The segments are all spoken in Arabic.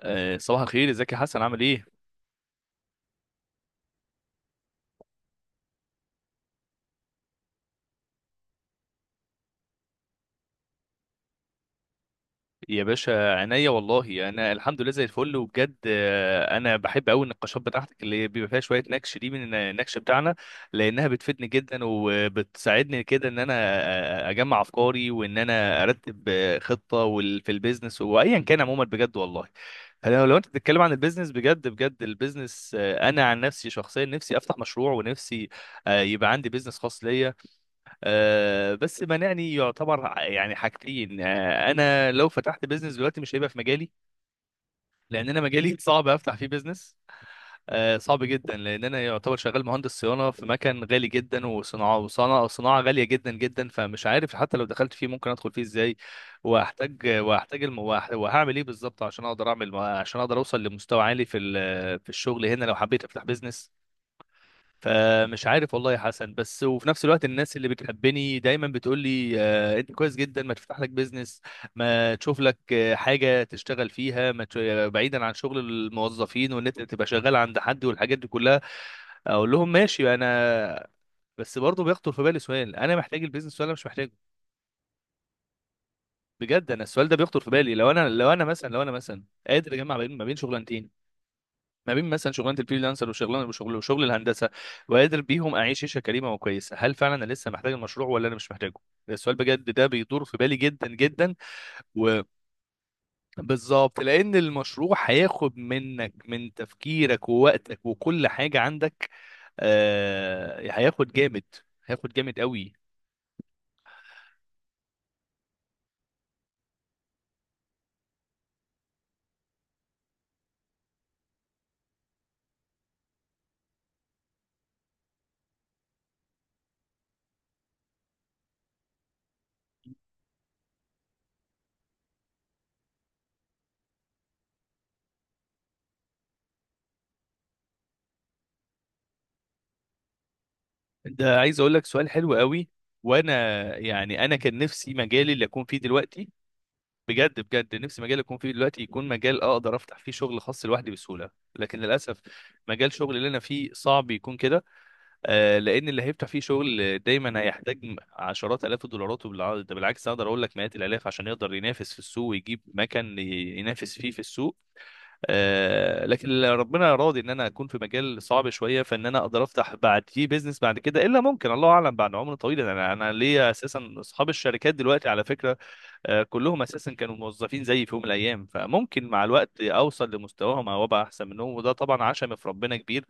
صباح الخير، ازيك يا حسن؟ عامل ايه؟ يا باشا عينيا، والله انا الحمد لله زي الفل. وبجد انا بحب قوي النقاشات بتاعتك اللي بيبقى فيها شويه نكش، دي من النكش بتاعنا، لانها بتفيدني جدا وبتساعدني كده ان انا اجمع افكاري، وان انا ارتب خطه في البيزنس وايا كان. عموما بجد والله، لو انت بتتكلم عن البيزنس، بجد بجد البيزنس، انا عن نفسي شخصيا نفسي افتح مشروع، ونفسي يبقى عندي بيزنس خاص ليا. بس مانعني يعتبر يعني حاجتين. انا لو فتحت بيزنس دلوقتي مش هيبقى في مجالي، لان انا مجالي صعب افتح فيه بيزنس. صعب جدا، لان انا يعتبر شغال مهندس صيانه في مكان غالي جدا، وصناعه غاليه جدا جدا. فمش عارف حتى لو دخلت فيه ممكن ادخل فيه ازاي، واحتاج وهعمل ايه بالظبط عشان اقدر اعمل، عشان اقدر اوصل لمستوى عالي في الشغل هنا لو حبيت افتح بيزنس. فمش عارف والله يا حسن. بس وفي نفس الوقت الناس اللي بتحبني دايما بتقول لي انت كويس جدا، ما تفتح لك بيزنس، ما تشوف لك حاجه تشتغل فيها، ما ت- بعيدا عن شغل الموظفين وان انت تبقى شغال عند حد والحاجات دي كلها. اقول لهم ماشي انا، بس برضه بيخطر في بالي سؤال: انا محتاج البيزنس ولا مش محتاجه؟ بجد انا السؤال ده بيخطر في بالي، لو انا مثلا قادر اجمع ما بين شغلانتين، ما بين مثلا شغلانه الفريلانسر، وشغل الهندسه، وقادر بيهم اعيش عيشه كريمه وكويسه. هل فعلا انا لسه محتاج المشروع ولا انا مش محتاجه؟ ده السؤال، بجد ده بيدور في بالي جدا جدا. وبالظبط لان المشروع هياخد منك، من تفكيرك ووقتك وكل حاجه عندك. هياخد جامد، هياخد جامد قوي. ده عايز اقول لك، سؤال حلو قوي، وانا يعني انا كان نفسي مجالي اللي اكون فيه دلوقتي، بجد بجد نفسي مجال يكون فيه دلوقتي، يكون مجال اقدر افتح فيه شغل خاص لوحدي بسهوله. لكن للاسف مجال شغل اللي انا فيه صعب يكون كده. لان اللي هيفتح فيه شغل دايما هيحتاج عشرات الاف الدولارات، ده بالعكس اقدر اقول لك مئات الالاف عشان يقدر ينافس في السوق ويجيب مكان ينافس فيه في السوق. لكن اللي ربنا راضي ان انا اكون في مجال صعب شويه، فان انا اقدر افتح بعديه بيزنس بعد كده، الا ممكن الله اعلم بعد عمر طويل. انا ليا اساسا اصحاب الشركات دلوقتي على فكره، كلهم اساسا كانوا موظفين زيي في يوم من الايام، فممكن مع الوقت اوصل لمستواهم او ابقى احسن منهم، وده طبعا عشم في ربنا كبير.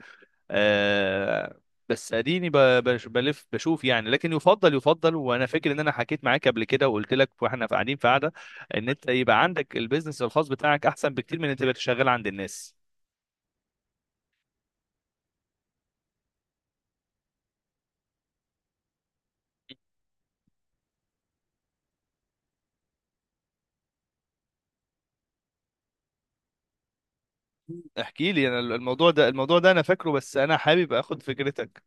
آه، بس اديني بلف بشوف يعني. لكن يفضل، وانا فاكر ان انا حكيت معاك قبل كده وقلت لك واحنا قاعدين في قعده، ان انت يبقى عندك البيزنس الخاص بتاعك احسن بكتير من ان انت تبقى شغال عند الناس. احكي لي انا الموضوع ده، الموضوع ده انا فاكره بس انا حابب اخد فكرتك.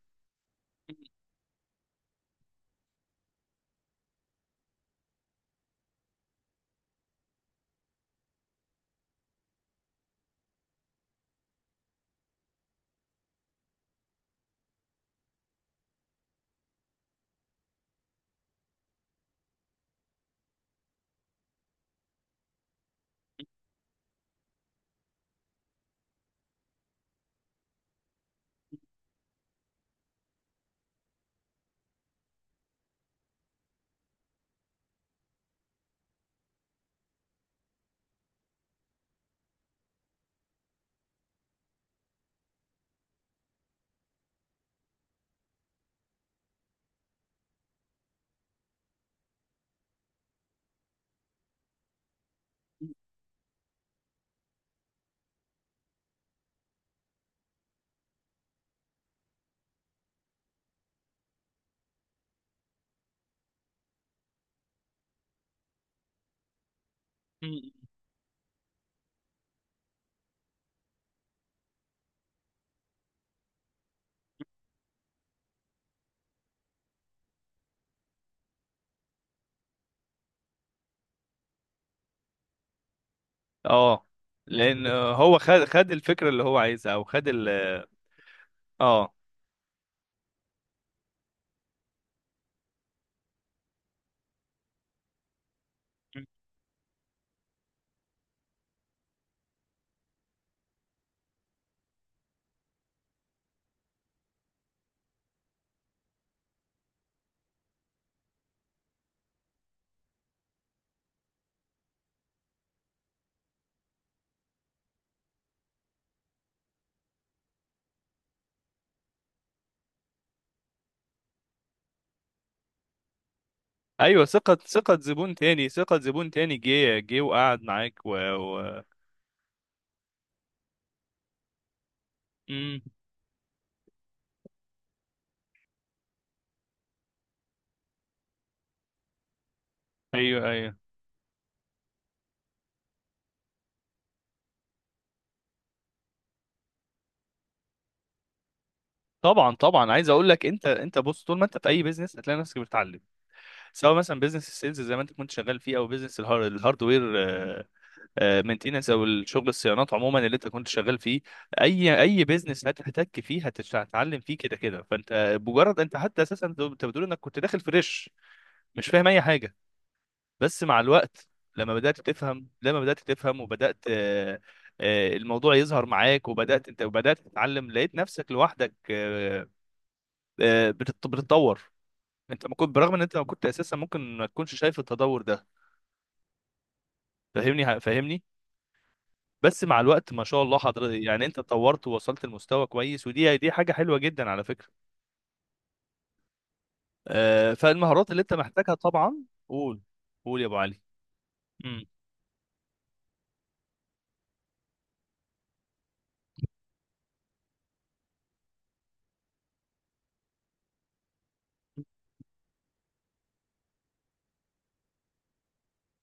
اه، لان هو خد الفكره اللي هو عايزها او خد ال اه، ايوه. ثقة زبون تاني، ثقة زبون تاني، جه وقعد معاك مم. ايوه، ايوه. طبعا طبعا عايز اقول لك، انت بص، طول ما انت في اي بيزنس هتلاقي نفسك بتتعلم، سواء مثلا بيزنس السيلز زي ما انت كنت شغال فيه او بيزنس الهاردوير مينتيننس، او الشغل الصيانات عموما اللي انت كنت شغال فيه. اي بيزنس هتحتك فيه، هتتعلم فيه كده كده. فانت مجرد انت، حتى اساسا انت بتقول انك كنت داخل فريش مش فاهم اي حاجة. بس مع الوقت، لما بدأت تفهم وبدأت الموضوع يظهر معاك، وبدأت انت وبدأت تتعلم، لقيت نفسك لوحدك بتتطور. انت ما كنت، برغم ان انت ما كنت اساسا، ممكن ما تكونش شايف التطور ده. فاهمني فاهمني. بس مع الوقت ما شاء الله حضرتك يعني انت اتطورت ووصلت لمستوى كويس، ودي حاجة حلوة جدا على فكرة. فالمهارات اللي انت محتاجها طبعا، قول. قول يا ابو علي. مم.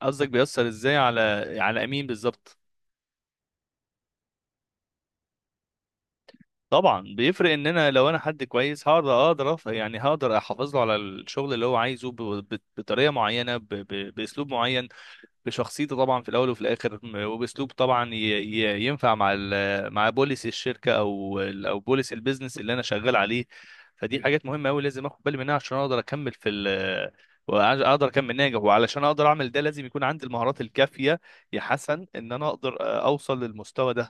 قصدك بيأثر ازاي على امين بالظبط؟ طبعا بيفرق ان انا لو انا حد كويس، يعني هقدر احافظ له على الشغل اللي هو عايزه بطريقه معينه، باسلوب معين، بشخصيته طبعا. في الاول وفي الاخر وباسلوب طبعا ينفع مع مع بوليس الشركه، او بوليس البيزنس اللي انا شغال عليه. فدي حاجات مهمه قوي لازم اخد بالي منها عشان اقدر اكمل في ال واقدر اكمل ناجح، وعلشان اقدر اعمل ده لازم يكون عندي المهارات الكافيه يا حسن، ان انا اقدر اوصل للمستوى ده،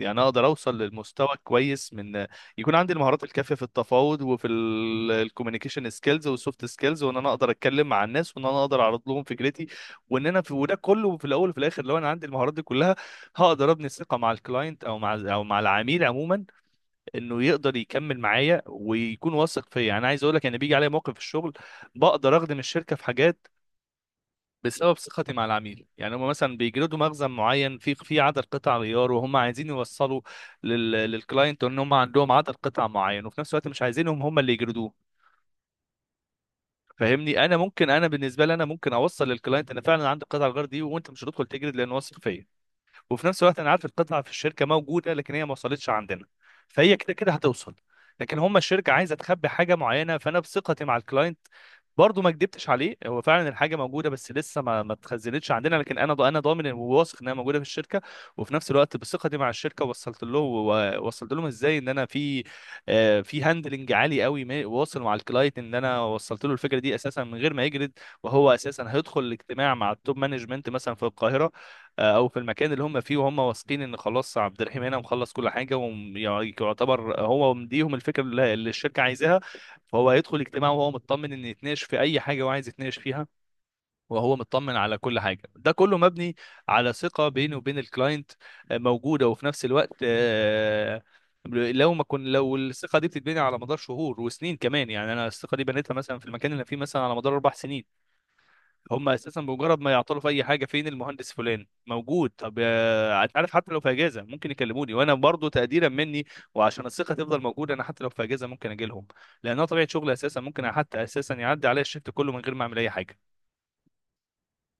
يعني اقدر اوصل للمستوى كويس، من يكون عندي المهارات الكافيه في التفاوض وفي الكوميونيكيشن سكيلز والسوفت سكيلز، وان انا اقدر اتكلم مع الناس، وان انا اقدر اعرض لهم فكرتي، وان انا في، وده كله في الاول وفي الاخر، لو انا عندي المهارات دي كلها هقدر ابني الثقه مع الكلاينت، او مع العميل عموما، انه يقدر يكمل معايا ويكون واثق فيا. انا عايز اقول لك، انا بيجي عليا موقف في الشغل بقدر اخدم الشركه في حاجات بسبب ثقتي مع العميل. يعني هم مثلا بيجلدوا مخزن معين في عدد قطع غيار، وهم عايزين يوصلوا للكلاينت ان هم عندهم عدد قطع معين، وفي نفس الوقت مش عايزينهم هم اللي يجلدوه. فاهمني. انا بالنسبه لي انا ممكن اوصل للكلاينت انا فعلا عندي قطع الغيار دي، وانت مش هتدخل تجلد لان واثق فيا. وفي نفس الوقت انا عارف القطعه في الشركه موجوده، لكن هي ما وصلتش عندنا، فهي كده كده هتوصل. لكن هم الشركه عايزه تخبي حاجه معينه، فانا بثقتي مع الكلاينت برضو ما كدبتش عليه، هو فعلا الحاجه موجوده بس لسه ما اتخزنتش عندنا، لكن انا ضامن وواثق انها موجوده في الشركه. وفي نفس الوقت بثقتي مع الشركه وصلت له، ووصلت لهم ازاي ان انا في في هاندلنج عالي قوي، واصل مع الكلاينت، ان انا وصلت له الفكره دي اساسا من غير ما يجرد، وهو اساسا هيدخل الاجتماع مع التوب مانجمنت مثلا في القاهره، او في المكان اللي هم فيه، وهم واثقين ان خلاص عبد الرحيم هنا مخلص كل حاجه، ويعتبر هو مديهم الفكره اللي الشركه عايزاها. فهو هيدخل اجتماع وهو مطمن ان يتناقش في اي حاجه هو عايز يتناقش فيها، وهو مطمن على كل حاجه. ده كله مبني على ثقه بينه وبين الكلاينت موجوده. وفي نفس الوقت لو ما كن لو الثقه دي بتتبني على مدار شهور وسنين كمان، يعني انا الثقه دي بنيتها مثلا في المكان اللي أنا فيه مثلا على مدار 4 سنين. هم اساسا بمجرد ما يعطلوا في اي حاجه: فين المهندس فلان موجود؟ طب انت عارف، حتى لو في اجازه ممكن يكلموني، وانا برضو تقديرا مني وعشان الثقه تفضل موجوده انا حتى لو في اجازه ممكن اجي لهم، لانها طبيعه شغلي اساسا. ممكن حتى اساسا يعدي عليا الشفت كله من غير ما اعمل اي حاجه.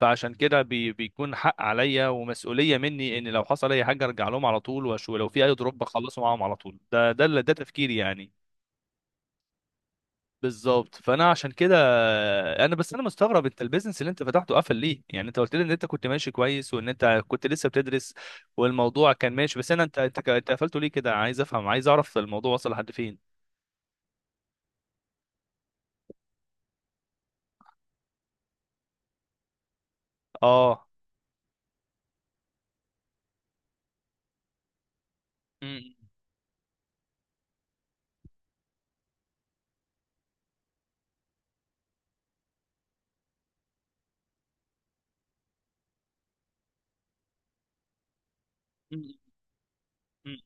فعشان كده بيكون حق عليا ومسؤوليه مني ان لو حصل اي حاجه ارجع لهم على طول، ولو في اي دروب اخلصه معاهم على طول. ده تفكيري يعني. بالظبط، فانا عشان كده انا بس مستغرب، انت البيزنس اللي انت فتحته قفل ليه؟ يعني انت قلت لي ان انت كنت ماشي كويس وان انت كنت لسه بتدرس والموضوع كان ماشي، بس انا انت انت ك- انت قفلته ليه كده؟ عايز افهم، عايز اعرف الموضوع وصل لحد فين. اه، م- م- م-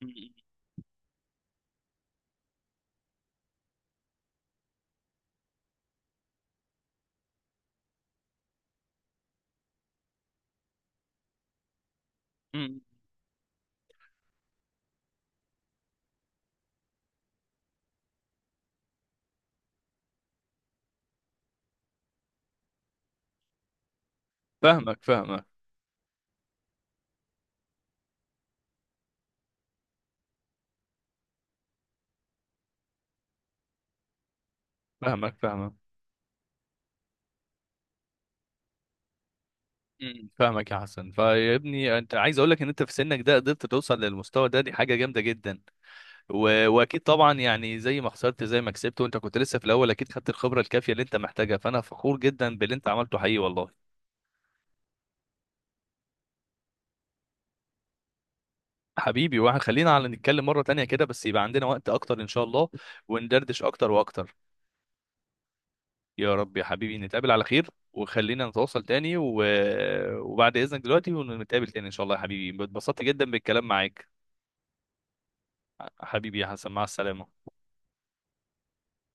م- م- م- فاهمك فاهمك فاهمك فاهمك. مم، فاهمك يا حسن. فيا ابني، انت عايز اقول لك ان انت في سنك ده قدرت توصل للمستوى ده، دي حاجه جامده جدا. واكيد طبعا يعني زي ما خسرت زي ما كسبت، وانت كنت لسه في الاول اكيد خدت الخبره الكافيه اللي انت محتاجها، فانا فخور جدا باللي انت عملته حقيقي والله. حبيبي واحد، خلينا على نتكلم مره تانية كده بس يبقى عندنا وقت اكتر ان شاء الله، وندردش اكتر واكتر. يا رب يا حبيبي نتقابل على خير، وخلينا نتواصل تاني وبعد اذنك دلوقتي، ونتقابل تاني ان شاء الله يا حبيبي. اتبسطت جدا بالكلام معاك. حبيبي يا حسن، مع السلامه.